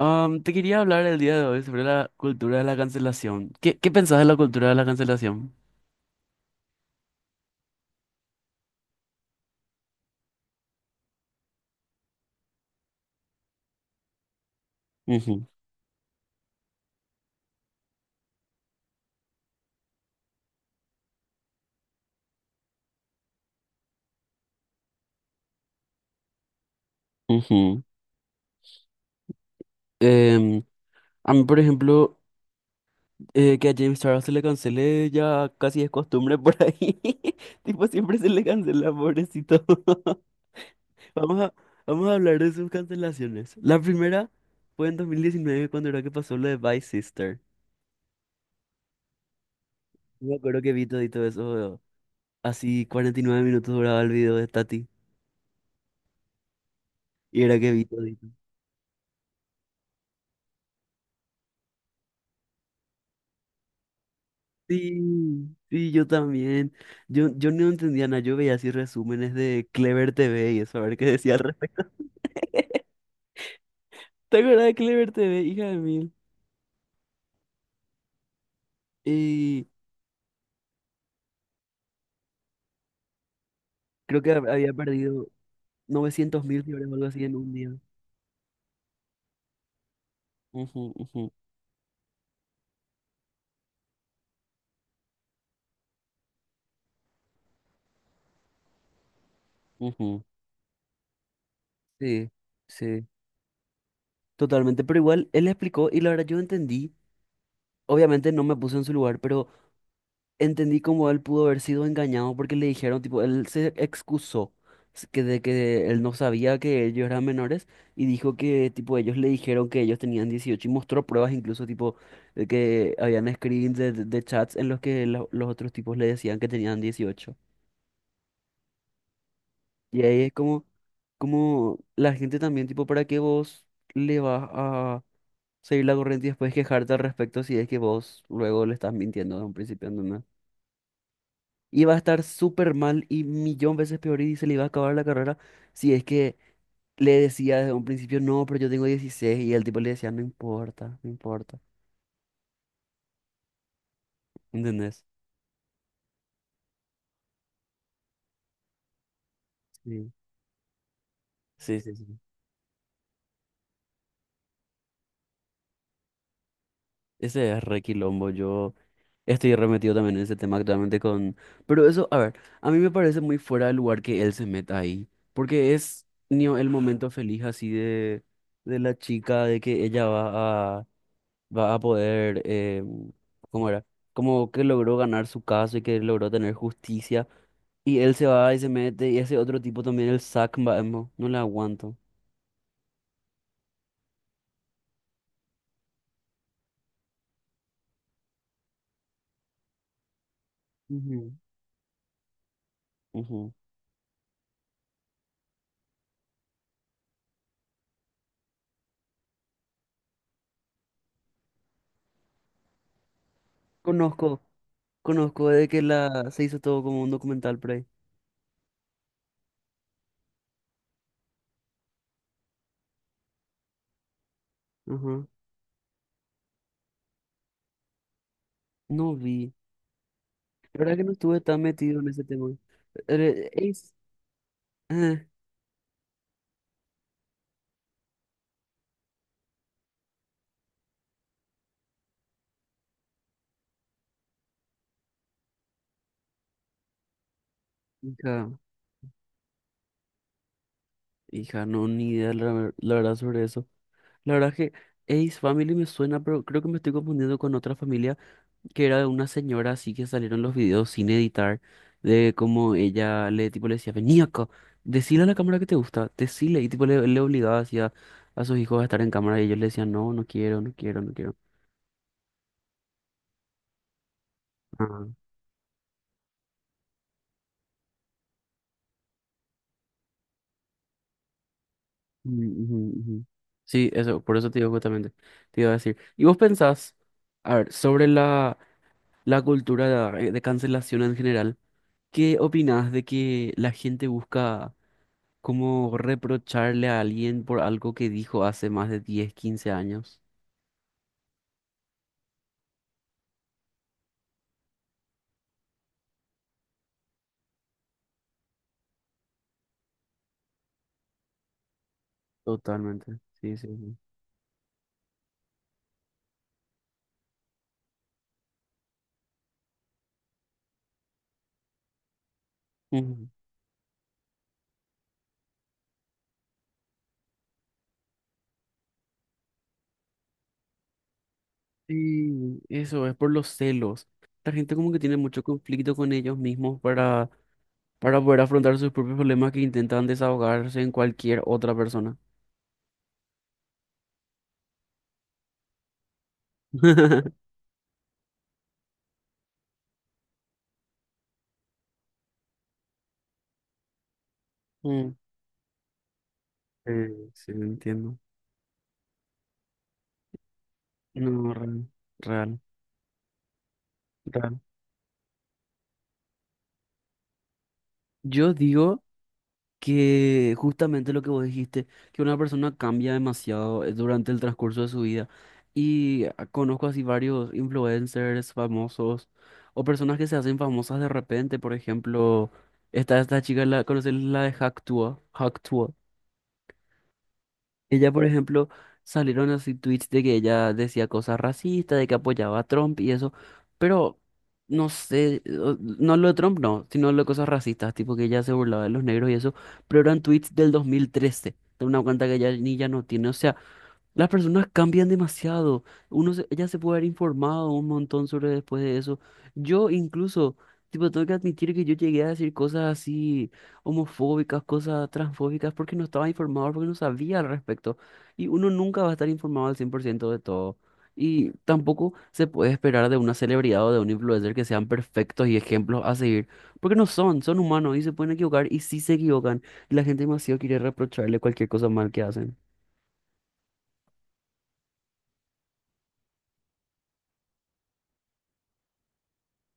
Te quería hablar el día de hoy sobre la cultura de la cancelación. ¿Qué pensás de la cultura de la cancelación? Ujú, ujú. Em, a mí, por ejemplo, que a James Charles se le cancele ya casi es costumbre por ahí. Tipo, siempre se le cancela, pobrecito. Vamos a, vamos a hablar de sus cancelaciones. La primera fue en 2019 cuando era que pasó lo de Vice Sister. Yo me acuerdo que vi todito eso. Así 49 minutos duraba el video de Tati. Y era que vi todo. Sí, sí, yo también. Yo no entendía nada, yo veía así resúmenes de Clever TV y eso, a ver qué decía al respecto. ¿Te acuerdas de Clever TV, hija de mil? Y creo que había perdido 900.000 libras o algo así en un día. Ujú, ujú, ujú. Sí, sí, totalmente. Pero igual él explicó y la verdad yo entendí. Obviamente no me puse en su lugar, pero entendí cómo él pudo haber sido engañado porque le dijeron, tipo, él se excusó que de que él no sabía que ellos eran menores y dijo que, tipo, ellos le dijeron que ellos tenían 18 y mostró pruebas incluso, tipo, de que habían screens de, de chats en los que los otros tipos le decían que tenían 18. Y ahí es como, como la gente también, tipo, ¿para qué vos le vas a seguir la corriente y después quejarte al respecto si es que vos luego le estás mintiendo desde un principio? No, no iba a estar súper mal y millón veces peor y se le iba a acabar la carrera si es que le decía desde un principio, no, pero yo tengo 16 y el tipo le decía, no importa, no importa, ¿entendés? Sí. Sí, sí, sí. Ese es re quilombo. Yo estoy remetido también en ese tema actualmente con... Pero eso, a ver, a mí me parece muy fuera de lugar que él se meta ahí. Porque es ni el momento feliz así de, la chica, de que ella va a poder, ¿cómo era? Como que logró ganar su caso y que logró tener justicia. Y él se va y se mete, y ese otro tipo también, el Zack, no, no le aguanto. Ujú. Ujú. Conozco, conozco de que la se hizo todo como un documental por ahí. Ajá. No vi. La verdad que no estuve tan metido en ese tema. Eh, es- eh, hija, hija, no, ni idea la verdad sobre eso. La verdad que Ace Family me suena, pero creo que me estoy confundiendo con otra familia. Que era de una señora así que salieron los videos sin editar, de cómo ella le, tipo, le decía, vení acá, decile a la cámara que te gusta, decile, y tipo le obligaba así a sus hijos a estar en cámara y ellos le decían, no, no quiero, no quiero, no quiero. Ah. Mm, ujú, ujú. Sí, eso, por eso te digo justamente, te iba a decir. ¿Y vos pensás, a ver, sobre la cultura de, cancelación en general, qué opinás de que la gente busca... Como reprocharle a alguien por algo que dijo hace más de 10, 15 años. Totalmente. Sí, sí, sí. Ujú. Sí, eso es por los celos. La gente como que tiene mucho conflicto con ellos mismos para poder afrontar sus propios problemas que intentan desahogarse en cualquier otra persona. Mm. Eh, sí, entiendo. No, real, real, real. Yo digo... que justamente lo que vos dijiste, que una persona cambia demasiado durante el transcurso de su vida. Y conozco así varios influencers famosos o personas que se hacen famosas de repente. Por ejemplo, está esta chica, ¿conoces la de Hacktua? Ella, por ejemplo, salieron así tweets de que ella decía cosas racistas, de que apoyaba a Trump y eso, pero no sé, no lo de Trump, no, sino lo de cosas racistas, tipo que ella se burlaba de los negros y eso, pero eran tweets del 2013, de una cuenta que ella ni ya no tiene, o sea, las personas cambian demasiado. Ella se puede haber informado un montón sobre después de eso. Yo incluso, tipo, tengo que admitir que yo llegué a decir cosas así homofóbicas, cosas transfóbicas, porque no estaba informado, porque no sabía al respecto. Y uno nunca va a estar informado al 100% de todo. Y tampoco se puede esperar de una celebridad o de un influencer que sean perfectos y ejemplos a seguir, porque no son, son humanos y se pueden equivocar y sí se equivocan. Y la gente demasiado quiere reprocharle cualquier cosa mal que hacen.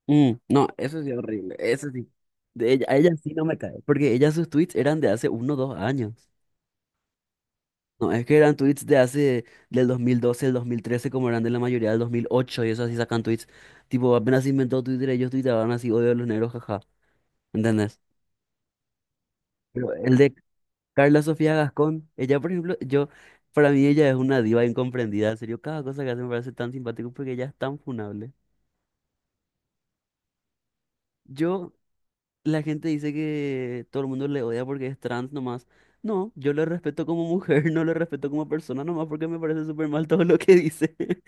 Mm, no, eso sí es horrible, eso sí. De ella, a ella sí no me cae, porque ella sus tweets eran de hace 1 o 2 años. No, es que eran tweets de hace, del 2012, el 2013 como eran de la mayoría del 2008 y eso así sacan tweets. Tipo, apenas se inventó Twitter, ellos tuiteaban así, odio a los negros, jaja, ¿entendés? Pero el de Carla Sofía Gascón, ella, por ejemplo, yo, para mí ella es una diva incomprendida, en serio, cada cosa que hace me parece tan simpático porque ella es tan funable. Yo La gente dice que todo el mundo le odia porque es trans nomás. No, yo le respeto como mujer, no le respeto como persona nomás porque me parece súper mal todo lo que dice.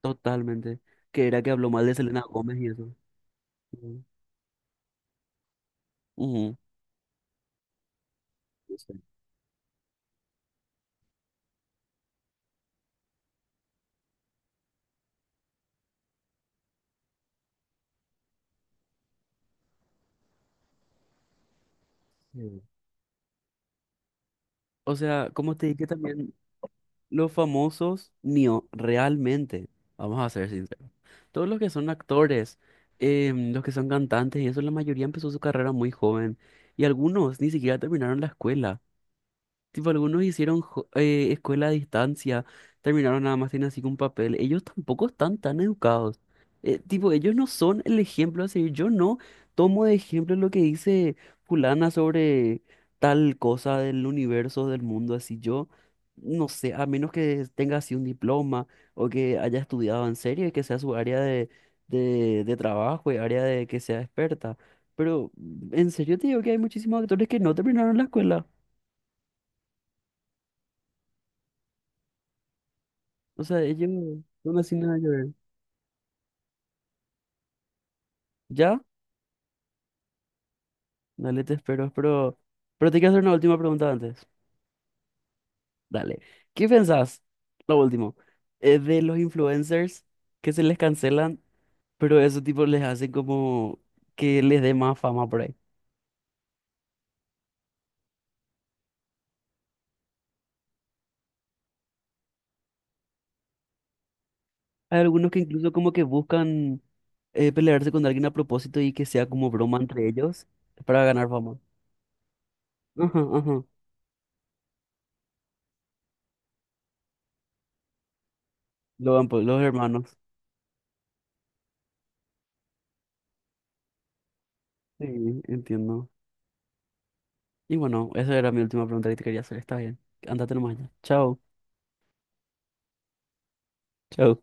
Totalmente. Que era que habló mal de Selena Gómez y eso. Ujú. Ujú. No sé. Sí. O sea, como te dije también, los famosos, no, realmente, vamos a ser sinceros, todos los que son actores, los que son cantantes y eso, la mayoría empezó su carrera muy joven y algunos ni siquiera terminaron la escuela. Tipo, algunos hicieron escuela a distancia, terminaron nada más tienen así con papel. Ellos tampoco están tan educados. Tipo, ellos no son el ejemplo a seguir. Yo no tomo de ejemplo lo que dice fulana sobre tal cosa del universo, del mundo, así yo. No sé, a menos que tenga así un diploma o que haya estudiado en serio y que sea su área de, de trabajo y área de que sea experta. Pero en serio te digo que hay muchísimos actores que no terminaron la escuela. O sea, ellos son así nada que ver. ¿Ya? Dale, te espero, pero... Pero te quiero hacer una última pregunta antes. Dale. ¿Qué pensás, lo último, de los influencers que se les cancelan, pero eso tipo les hace como que les dé más fama por ahí? Hay algunos que incluso como que buscan pelearse con alguien a propósito y que sea como broma entre ellos para ganar fama. Ajá, ajá. Logan Paul, los hermanos. Sí, entiendo. Y bueno, esa era mi última pregunta que te quería hacer. Está bien. Andate nomás ya. Chao. Chao.